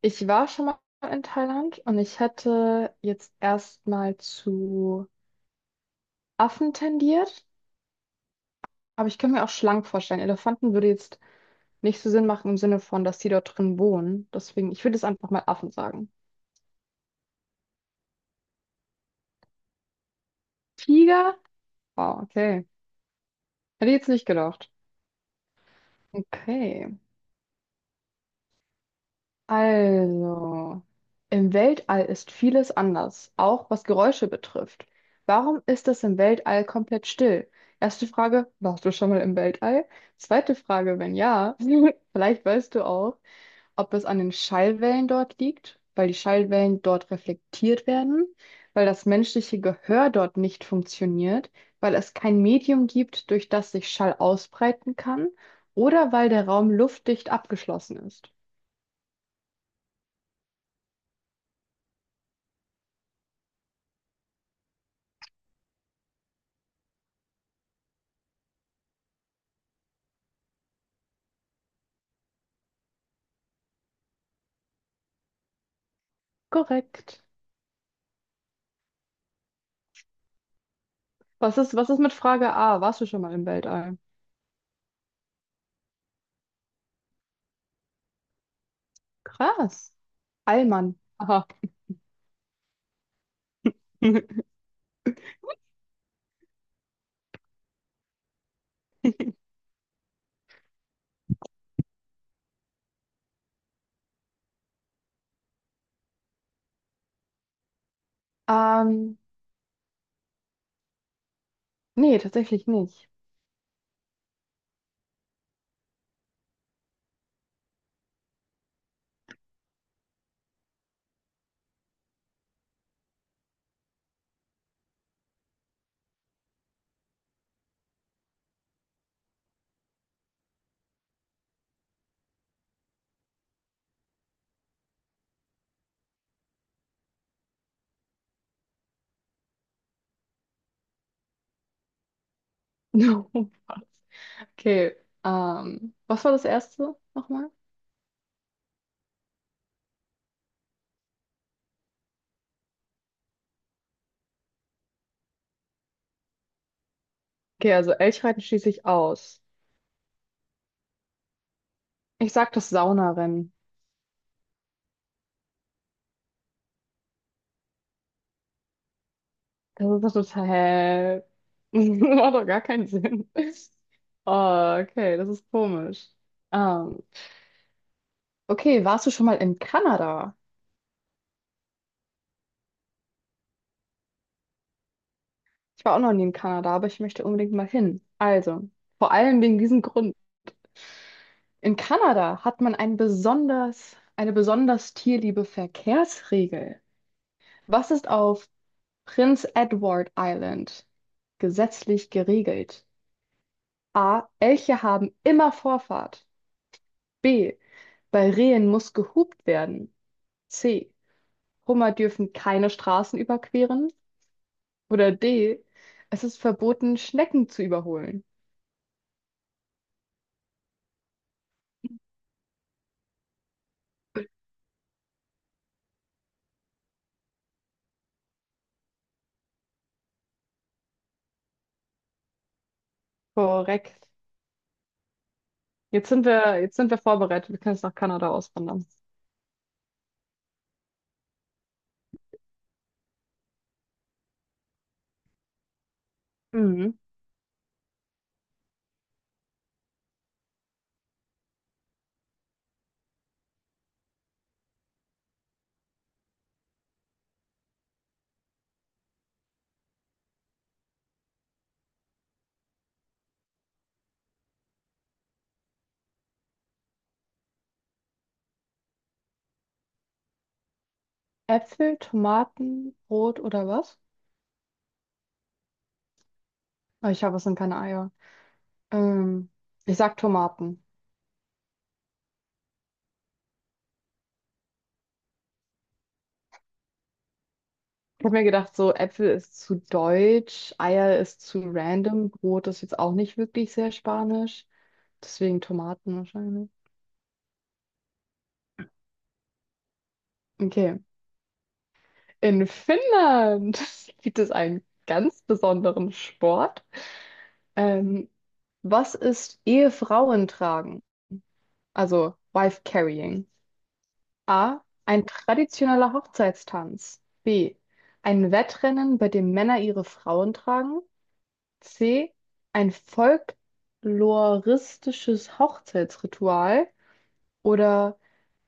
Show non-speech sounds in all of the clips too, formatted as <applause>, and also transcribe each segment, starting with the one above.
Ich war schon mal in Thailand und ich hätte jetzt erstmal zu Affen tendiert, aber ich könnte mir auch Schlangen vorstellen. Elefanten würde jetzt nicht so Sinn machen im Sinne von, dass die dort drin wohnen. Deswegen, ich würde jetzt einfach mal Affen sagen. Tiger? Wow, okay. Hätte ich jetzt nicht gedacht. Okay. Also, im Weltall ist vieles anders, auch was Geräusche betrifft. Warum ist es im Weltall komplett still? Erste Frage, warst du schon mal im Weltall? Zweite Frage, wenn ja, <laughs> vielleicht weißt du auch, ob es an den Schallwellen dort liegt, weil die Schallwellen dort reflektiert werden, weil das menschliche Gehör dort nicht funktioniert, weil es kein Medium gibt, durch das sich Schall ausbreiten kann, oder weil der Raum luftdicht abgeschlossen ist. Korrekt. Was ist mit Frage A? Warst du schon mal im Weltall? Krass. Allmann. Aha. <laughs> Ähm, nee, tatsächlich nicht. <laughs> Was? Okay. Was war das erste nochmal? Okay, also Elchreiten schließe ich aus. Ich sag das Saunarennen. Das ist doch total. <laughs> Macht doch gar keinen Sinn. Oh, okay, das ist komisch. Ähm, okay, warst du schon mal in Kanada? Ich war auch noch nie in Kanada, aber ich möchte unbedingt mal hin. Also, vor allem wegen diesem Grund. In Kanada hat man eine besonders tierliebe Verkehrsregel. Was ist auf Prince Edward Island gesetzlich geregelt? A. Elche haben immer Vorfahrt. B. Bei Rehen muss gehupt werden. C. Hummer dürfen keine Straßen überqueren. Oder D. Es ist verboten, Schnecken zu überholen. Korrekt. Jetzt sind wir vorbereitet. Wir können jetzt nach Kanada auswandern. Mhm. Äpfel, Tomaten, Brot oder was? Oh, ich habe, es sind keine Eier. Ähm, ich sag Tomaten. Ich habe mir gedacht, so Äpfel ist zu deutsch, Eier ist zu random, Brot ist jetzt auch nicht wirklich sehr spanisch. Deswegen Tomaten wahrscheinlich. Okay. In Finnland <laughs> gibt es einen ganz besonderen Sport. Ähm, was ist Ehefrauen tragen? Also Wife Carrying. A. Ein traditioneller Hochzeitstanz. B. Ein Wettrennen, bei dem Männer ihre Frauen tragen. C. Ein folkloristisches Hochzeitsritual oder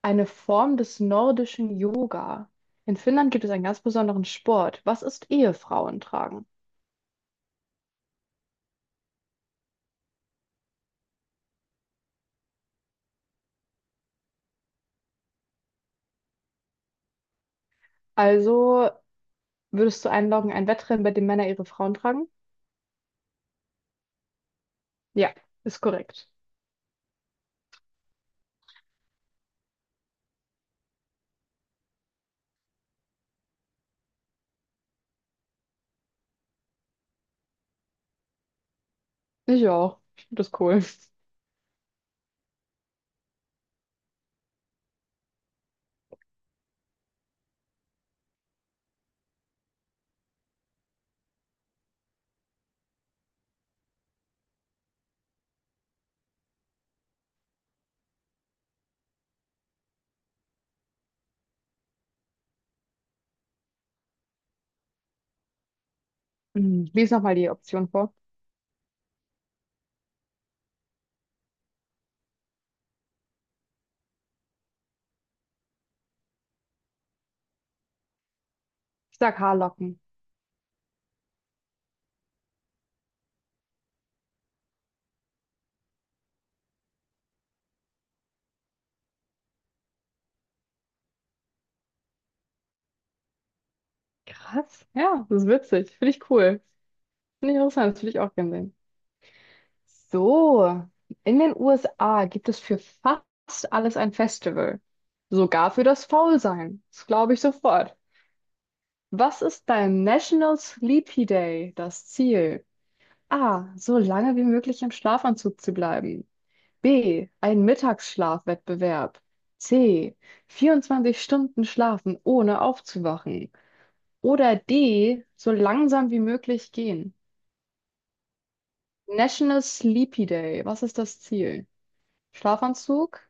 eine Form des nordischen Yoga. In Finnland gibt es einen ganz besonderen Sport. Was ist Ehefrauen tragen? Also würdest du einloggen, ein Wettrennen, bei dem Männer ihre Frauen tragen? Ja, ist korrekt. Ich auch. Ich finde das cool. Hm, lies nochmal die Option vor. Ich sag Haarlocken. Krass. Ja, das ist witzig. Finde ich cool. Finde ich interessant. Das würde ich auch gerne sehen. So, in den USA gibt es für fast alles ein Festival. Sogar für das Faulsein. Das glaube ich sofort. Was ist beim National Sleepy Day das Ziel? A. So lange wie möglich im Schlafanzug zu bleiben. B. Ein Mittagsschlafwettbewerb. C. 24 Stunden schlafen, ohne aufzuwachen. Oder D. So langsam wie möglich gehen. National Sleepy Day. Was ist das Ziel? Schlafanzug,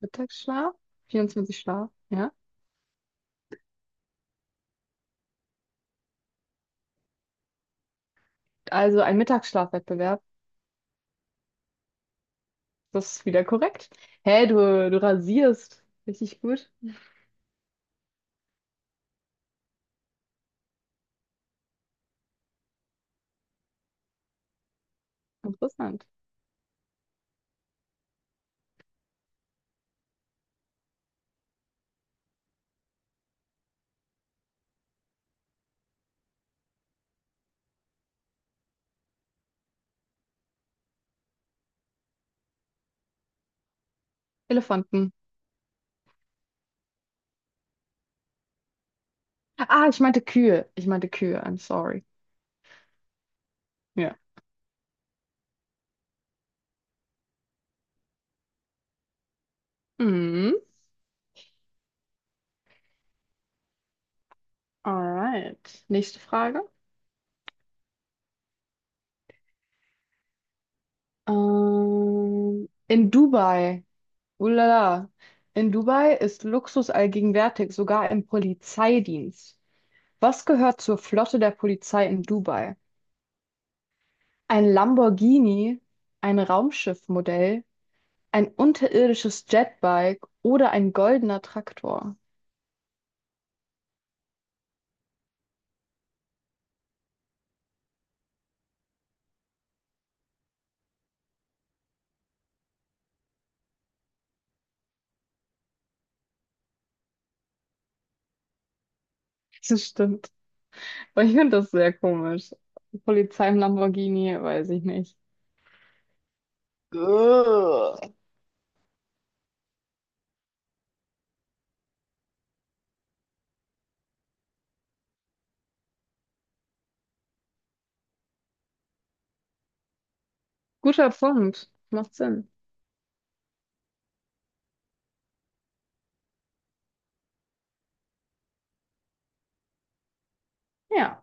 Mittagsschlaf, 24 Schlaf, ja. Also ein Mittagsschlafwettbewerb. Das ist wieder korrekt. Hä, du rasierst. Richtig gut. Interessant. Elefanten. Ah, ich meinte Kühe. Ich meinte Kühe. I'm sorry. Ja. Mhm. Alright. Nächste Frage. In Dubai. Ulala. In Dubai ist Luxus allgegenwärtig, sogar im Polizeidienst. Was gehört zur Flotte der Polizei in Dubai? Ein Lamborghini, ein Raumschiffmodell, ein unterirdisches Jetbike oder ein goldener Traktor? <laughs> Das stimmt. Aber ich finde das sehr komisch. Polizei im Lamborghini, weiß ich nicht. Ugh. Guter Punkt. Macht Sinn. Ja.